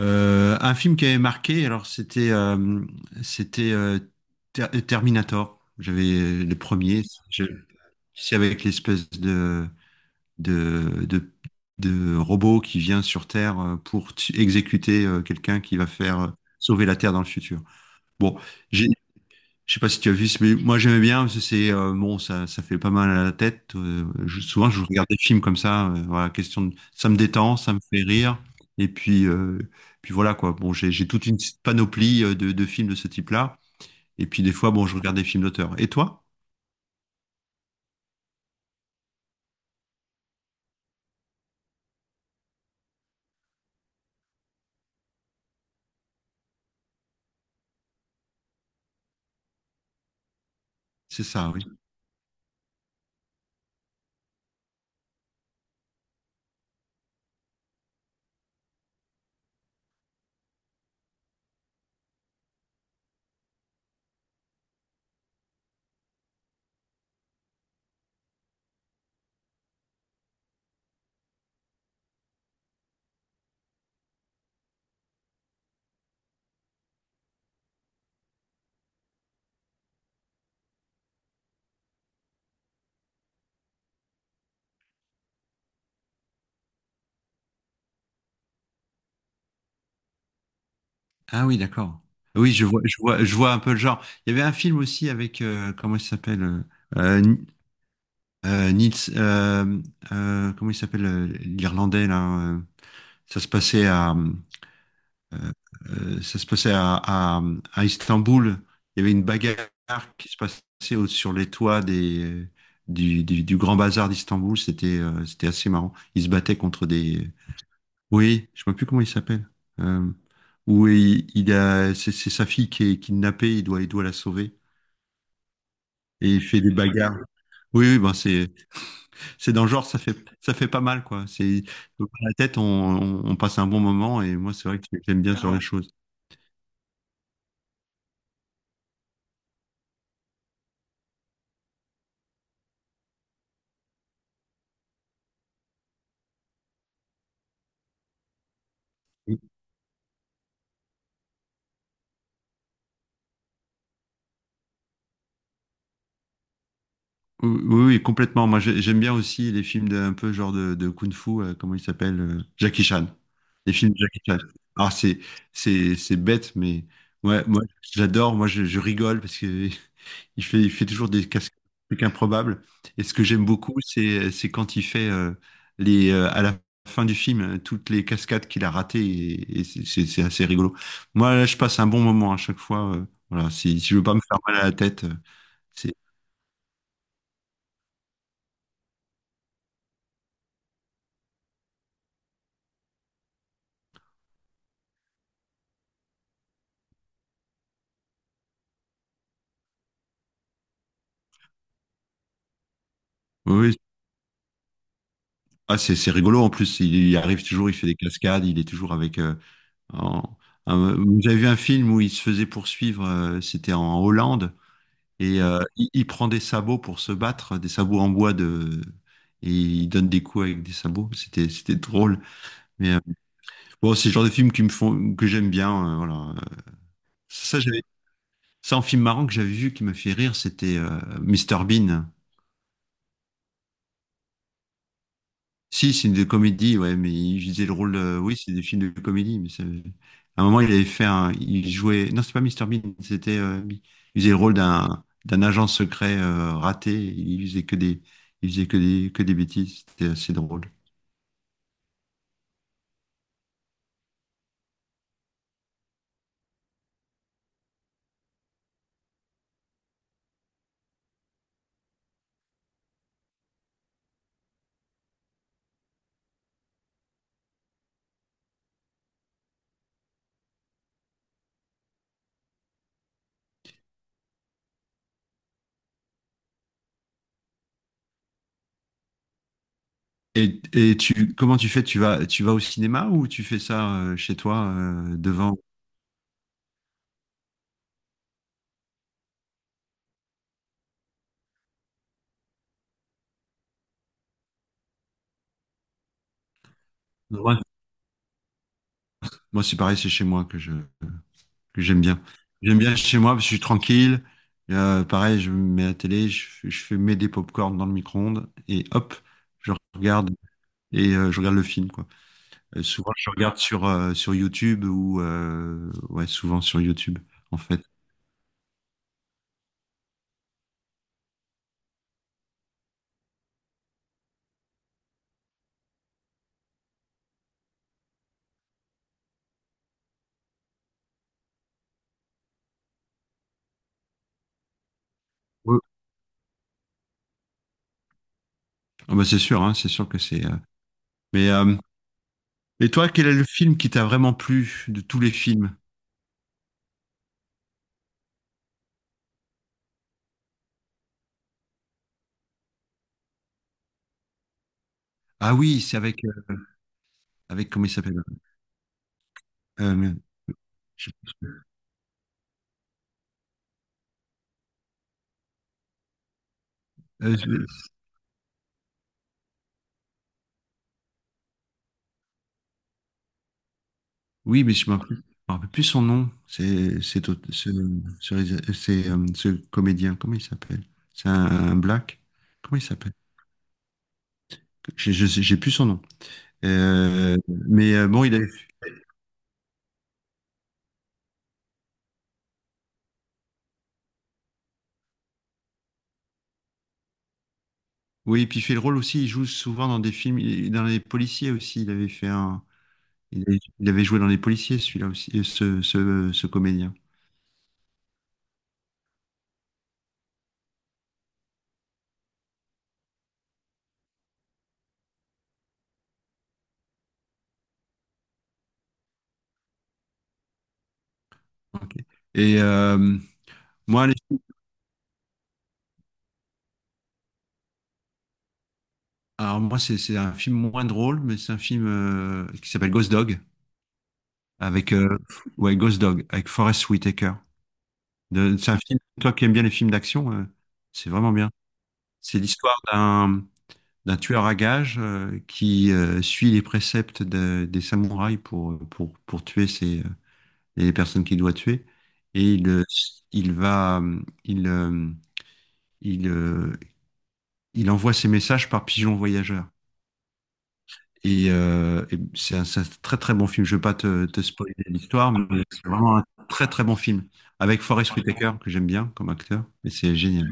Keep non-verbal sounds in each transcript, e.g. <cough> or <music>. Un film qui avait marqué, alors c'était Terminator. J'avais les premiers, je- c'est avec l'espèce de, de de de robot qui vient sur Terre pour exécuter quelqu'un qui va faire sauver la Terre dans le futur. Bon, j'ai je sais pas si tu as vu, mais moi j'aimais bien parce que c'est bon, ça fait pas mal à la tête. Souvent je regarde des films comme ça, voilà, question de, ça me détend, ça me fait rire, et puis puis voilà quoi. Bon, j'ai toute une panoplie de films de ce type-là, et puis des fois bon, je regarde des films d'auteur. Et toi? C'est ça, oui. Ah oui, d'accord. Oui, je vois un peu le genre. Il y avait un film aussi avec comment il s'appelle euh, Ni- Nils, comment il s'appelle l'Irlandais là. Ça se passait à Ça se passait à Istanbul. Il y avait une bagarre qui se passait sur les toits du du grand bazar d'Istanbul. C'était assez marrant. Ils se battaient contre des. Oui, je ne sais même plus comment il s'appelle. Euh, Où il a, c'est sa fille qui est kidnappée. Il doit la sauver et il fait des bagarres. Oui, oui, ben c'est dans le genre, ça fait pas mal quoi. C'est dans la tête, on passe un bon moment et moi c'est vrai que j'aime bien ce genre de choses. Oui, oui, oui, complètement. Moi, j'aime bien aussi les films de, un peu genre de kung-fu, comment il s'appelle? Jackie Chan. Les films de Jackie Chan. Alors, c'est, c'est bête, mais ouais, moi, j'adore. Moi, je rigole parce que <laughs> il fait toujours des cascades improbables. Et ce que j'aime beaucoup, c'est quand il fait à la fin du film, toutes les cascades qu'il a ratées. C'est assez rigolo. Moi, là, je passe un bon moment à chaque fois. Voilà, si je veux pas me faire mal à la tête, oui, oui. Ah, c'est rigolo en plus. Il arrive toujours, il fait des cascades, il est toujours avec. En- Vous avez vu un film où il se faisait poursuivre, c'était en Hollande, et il prend des sabots pour se battre, des sabots en bois de. Et il donne des coups avec des sabots. C'était drôle. Mais euh, bon, c'est le genre de film qui me font, que j'aime bien. Voilà. Ça, j'avais C'est un film marrant que j'avais vu qui m'a fait rire, c'était Mr Bean. Si, c'est une de comédie, ouais, mais il disait le rôle de... Oui, c'est des films de comédie, mais ça- à un moment, il avait fait un... Il jouait... Non, c'est pas Mister Bean, c'était... Il faisait le rôle d'un agent secret raté, il faisait que des... Il faisait que des bêtises, c'était assez drôle. Tu, comment tu fais? Tu vas au cinéma ou tu fais ça chez toi, devant? Moi, moi, c'est pareil, c'est chez moi que je... que j'aime bien. J'aime bien chez moi parce que je suis tranquille. Pareil, je mets la télé, je fais mets des pop dans le micro-ondes et hop, je regarde et je regarde le film quoi. Souvent, je regarde sur sur YouTube ou ouais, souvent sur YouTube en fait. Ouais. Ah bah c'est sûr, hein, c'est sûr que c'est. Mais euh, et toi, quel est le film qui t'a vraiment plu de tous les films? Ah oui, c'est avec avec comment il s'appelle? Euh, mais- je- euh, Oui, mais je me rappelle plus son nom. C'est au- ce rés- C'est, ce comédien. Comment il s'appelle? Un black. Comment il s'appelle? J'ai plus son nom. Euh, bon, il avait, oui, puis il fait le rôle aussi. Il joue souvent dans des films, il- Dans les policiers aussi. Il avait fait un, il avait, Il avait joué dans les policiers, celui-là aussi, ce comédien. Ok. Et moi, les Alors moi, c'est un film moins drôle, mais c'est un film qui s'appelle Ghost Dog avec ouais Ghost Dog avec Forest Whitaker. C'est un film. Toi qui aimes bien les films d'action, c'est vraiment bien. C'est l'histoire d'un tueur à gages qui suit les préceptes des samouraïs pour tuer ses, les personnes qu'il doit tuer et il va il euh, il envoie ses messages par pigeon voyageur. C'est un, c'est un très très bon film. Je ne veux pas te spoiler l'histoire, mais très très bon film. Avec Forest Whitaker, que j'aime bien comme acteur, et c'est génial.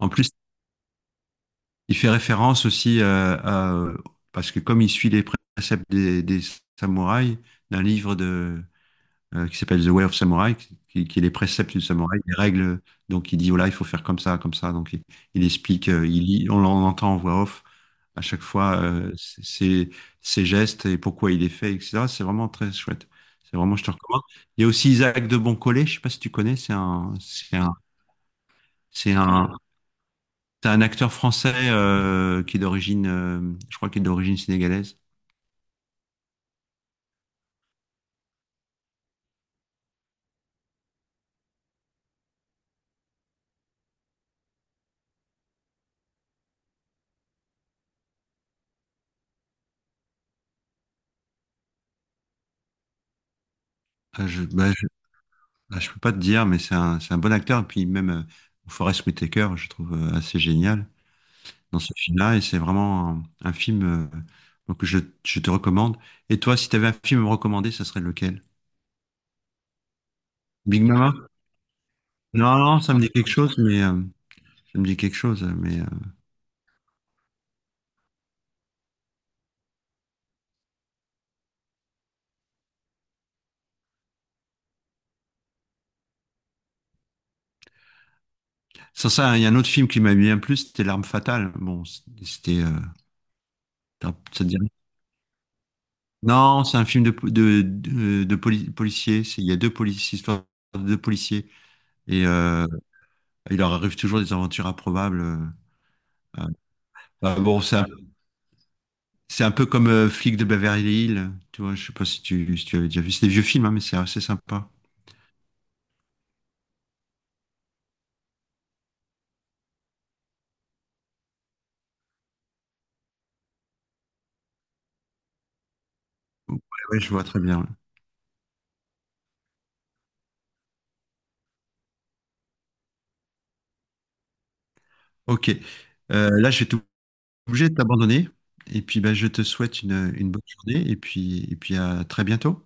En plus, il fait référence aussi parce que comme il suit les préceptes des samouraïs, d'un livre de, qui s'appelle The Way of Samurai, qui est les préceptes du samouraï, les règles. Donc il dit, voilà, il faut faire comme ça, comme ça. Donc il explique, il lit, on l'entend en voix off à chaque fois ses gestes et pourquoi il est fait, etc. C'est vraiment très chouette. C'est vraiment, je te recommande. Il y a aussi Isaac de Boncollet, je sais pas si tu connais, c'est un, c'est un acteur français qui est d'origine, je crois qu'il est d'origine sénégalaise. Ah, je, bah, je, je peux pas te dire, mais c'est un bon acteur. Et puis même Forest Whitaker, je trouve assez génial dans ce film-là. Et c'est vraiment un film donc je, je te recommande. Et toi, si tu avais un film à me recommander, ça serait lequel? Big Mama? Non, non, ça me dit quelque chose, sans ça, il y a un autre film qui m'a bien plu, c'était L'Arme fatale. Bon, c'était, t'as- ça te dit rien. Non, c'est un film de po- de poli- policiers. C'est- Il y a deux policiers, histoire de deux policiers, et il leur arrive toujours des aventures improbables. Euh, bon, c'est un peu comme Flic de Beverly Hills. Tu vois, je sais pas si tu avais déjà vu. C'est des vieux films, hein, mais c'est assez sympa. Ouais, ouais, je vois très bien. Ouais. Ok. Là, je vais obligé de t'abandonner. Et puis, bah, je te souhaite une bonne journée et puis à très bientôt.